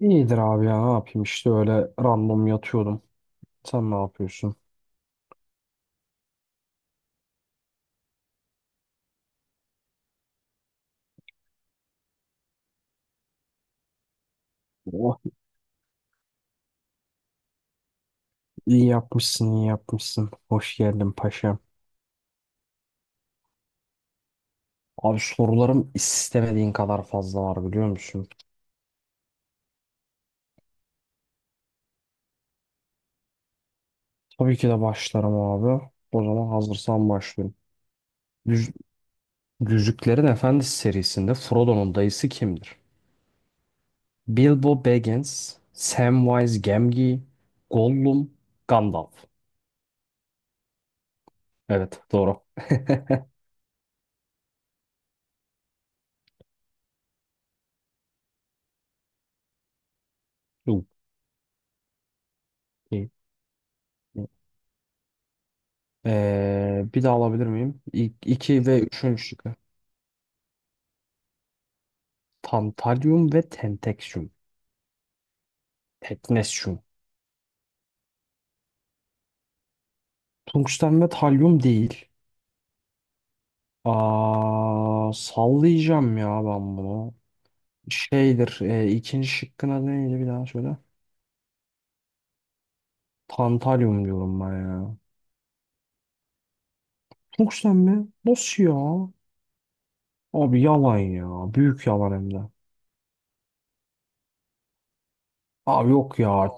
İyidir abi ya ne yapayım işte öyle random yatıyordum. Sen ne yapıyorsun? Oh, iyi yapmışsın iyi yapmışsın. Hoş geldin paşam. Abi sorularım istemediğin kadar fazla var biliyor musun? Tabii ki de başlarım abi. O zaman hazırsan başlıyorum. Yüz- Yüzüklerin Efendisi serisinde Frodo'nun dayısı kimdir? Bilbo Baggins, Samwise Gamgee, Gollum, Gandalf. Evet doğru. Okey. Bir daha alabilir miyim? İlk, iki ve üçüncü şıkkı. Tantalyum ve tenteksyum. Teknesyum. Tungsten ve talyum değil. Aa, sallayacağım ya ben bunu. Şeydir. E, ikinci şıkkın adı neydi bir daha söyle. Tantalyum diyorum ben ya. Tungsten mi? Nasıl ya? Abi yalan ya. Büyük yalan hem de. Abi yok ya.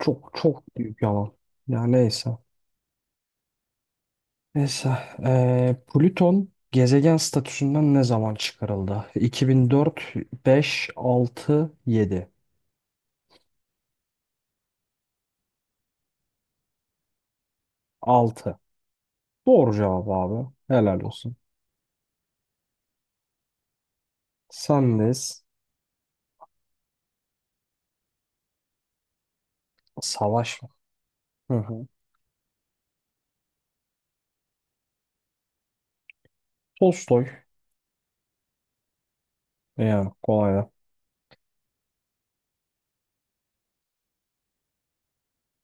Çok çok büyük yalan. Ya neyse. Neyse. Plüton gezegen statüsünden ne zaman çıkarıldı? 2004, 5, 6, 7. 6. Doğru cevap abi. Helal olsun. Sendeyiz. Savaş mı? Hı hı. Tolstoy. Yani kolay da.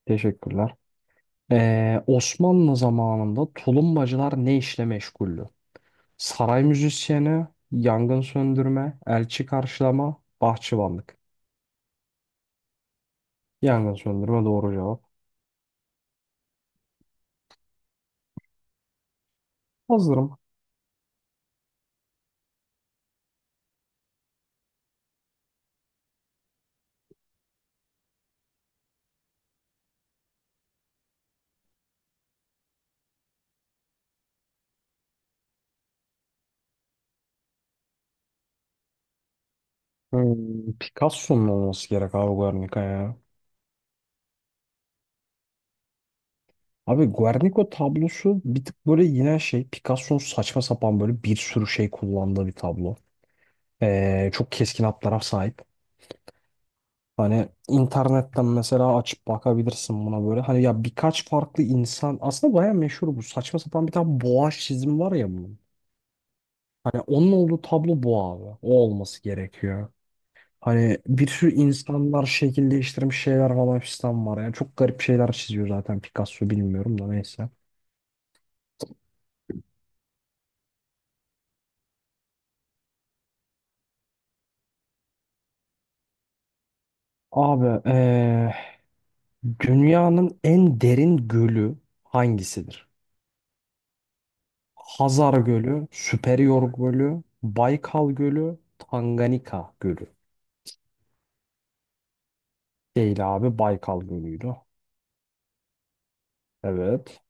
Teşekkürler. Osmanlı zamanında tulumbacılar ne işle meşguldü? Saray müzisyeni, yangın söndürme, elçi karşılama, bahçıvanlık. Yangın söndürme doğru cevap. Hazırım. Hmm, Picasso'nun olması gerek abi Guernica ya. Abi Guernica tablosu bir tık böyle yine şey Picasso'nun saçma sapan böyle bir sürü şey kullandığı bir tablo. Çok keskin hatlara sahip. Hani internetten mesela açıp bakabilirsin buna böyle. Hani ya birkaç farklı insan aslında baya meşhur bu. Saçma sapan bir tane boğa çizimi var ya bunun. Hani onun olduğu tablo bu abi. O olması gerekiyor. Hani bir sürü insanlar şekil değiştirmiş şeyler falan fistan var. Yani çok garip şeyler çiziyor zaten Picasso bilmiyorum da neyse. Abi dünyanın en derin gölü hangisidir? Hazar Gölü, Süperior Gölü, Baykal Gölü, Tanganyika Gölü. Değil abi Baykal Gölü'ydü. Evet.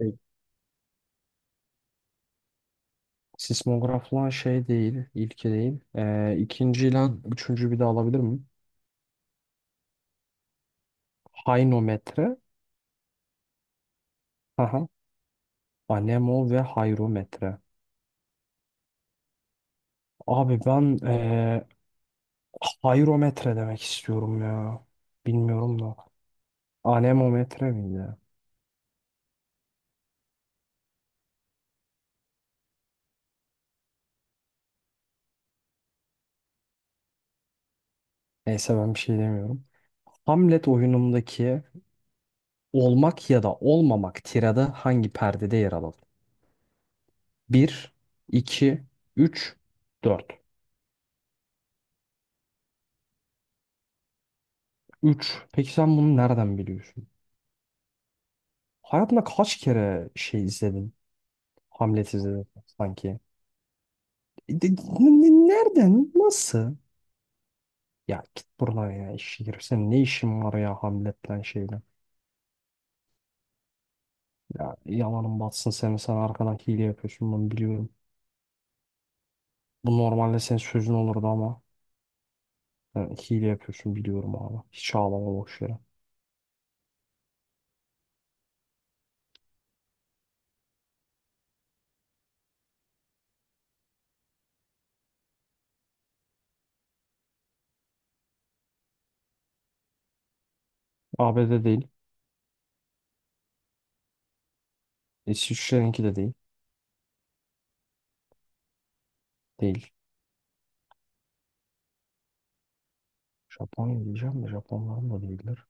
E, Sismograf lan şey değil, ilki değil. İkinci ile üçüncü bir de alabilir miyim? Hainometre, haha, anemo ve hayrometre. Abi ben hayrometre demek istiyorum ya. Bilmiyorum da. Anemometre miydi? Neyse ben bir şey demiyorum. Hamlet oyunumdaki olmak ya da olmamak tirada hangi perdede yer alalım? Bir, iki, üç, dört. Üç. Peki sen bunu nereden biliyorsun? Hayatında kaç kere şey izledin? Hamlet izledin sanki. Nereden? Nasıl? Ya git buradan ya işe girip senin ne işin var ya Hamlet'ten şeyle. Ya yalanın batsın senin sen arkadan hile yapıyorsun bunu biliyorum. Bu normalde senin sözün olurdu ama sen hile yapıyorsun biliyorum abi. Hiç ağlama boş yere. ABD değil. İsviçre'ninki de değil. Değil. Japonya diyeceğim de Japonların da değildir.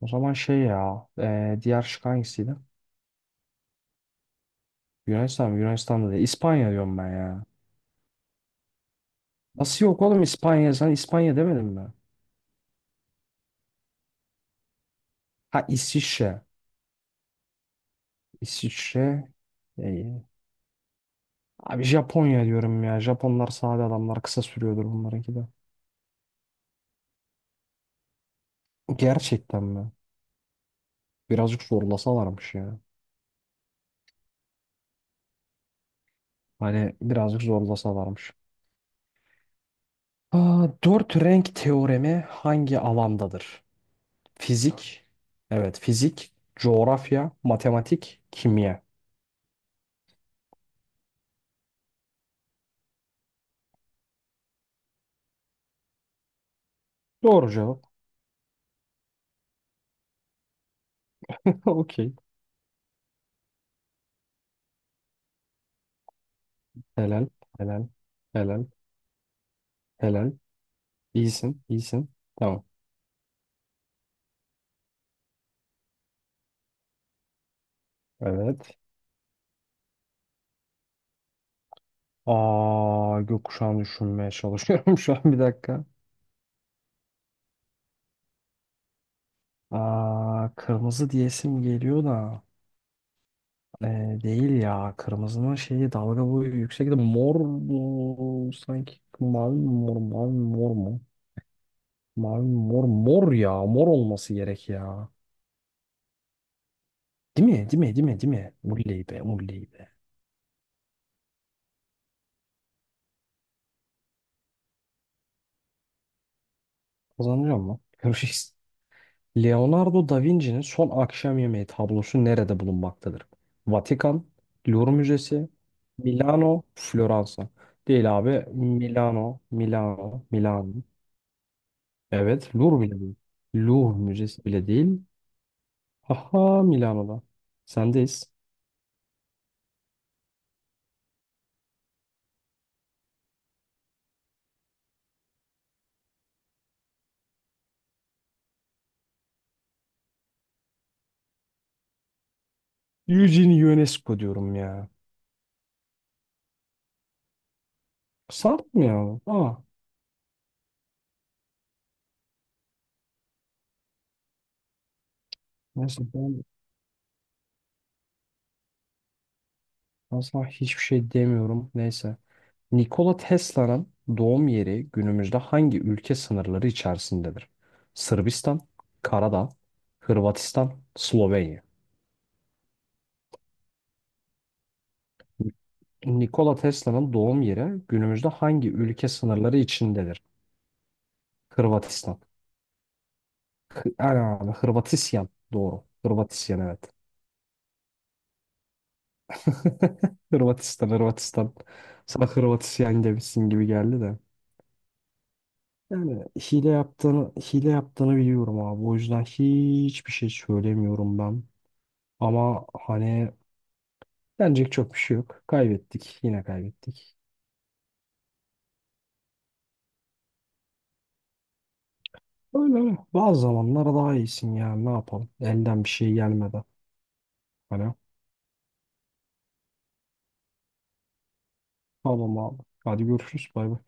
O zaman şey ya diğer şık hangisiydi? Yunanistan mı? Yunanistan'da değil. İspanya diyorum ben ya. Nasıl yok oğlum İspanya? Sen İspanya demedin mi? Ha İsviçre. İsviçre. İyi. Abi Japonya diyorum ya. Japonlar sade adamlar. Kısa sürüyordur bunlarınki de. Gerçekten mi? Birazcık zorlasalarmış ya. Hani birazcık zorlasalarmış. Aa, dört renk teoremi hangi alandadır? Fizik. Evet fizik. Coğrafya. Matematik. Kimya. Doğru cevap. Okey. Helal. Helal. Helal. Helal. İyisin, iyisin. Tamam. Evet. Aa, gökkuşağını düşünmeye çalışıyorum şu an bir dakika. Aa, kırmızı diyesim geliyor da. Değil ya. Kırmızının şeyi dalga boyu yüksek de mor mu? Sanki mavi mi mor, mavi mi mor mu? Mavi mi mor, mor ya. Mor olması gerek ya. Değil mi? Değil mi? Değil mi? Değil mi? Mulley be, mulley be. Kazanacağım mı? Görüşürüz. Leonardo da Vinci'nin Son Akşam Yemeği tablosu nerede bulunmaktadır? Vatikan, Louvre Müzesi, Milano, Floransa. Değil abi. Milano, Milano, Milano. Evet, Louvre bile değil. Louvre Müzesi bile değil. Aha Milano'da. Sendeyiz. Eugene UNESCO diyorum ya. Sarp mı ya? Aa, neyse ben asla hiçbir şey demiyorum. Neyse. Nikola Tesla'nın doğum yeri günümüzde hangi ülke sınırları içerisindedir? Sırbistan, Karadağ, Hırvatistan, Slovenya. Nikola Tesla'nın doğum yeri günümüzde hangi ülke sınırları içindedir? Hırvatistan. Ana, Hırvatisyan. Doğru. Hırvatisyan evet. Hırvatistan, Hırvatistan. Sana Hırvatisyan demişsin gibi geldi de. Yani hile yaptığını biliyorum abi. O yüzden hiçbir şey söylemiyorum ben. Ama hani denecek çok bir şey yok. Kaybettik. Yine kaybettik. Öyle öyle. Bazı zamanlar daha iyisin yani. Ne yapalım? Elden bir şey gelmeden. Hani tamam abi. Hadi görüşürüz. Bay bay.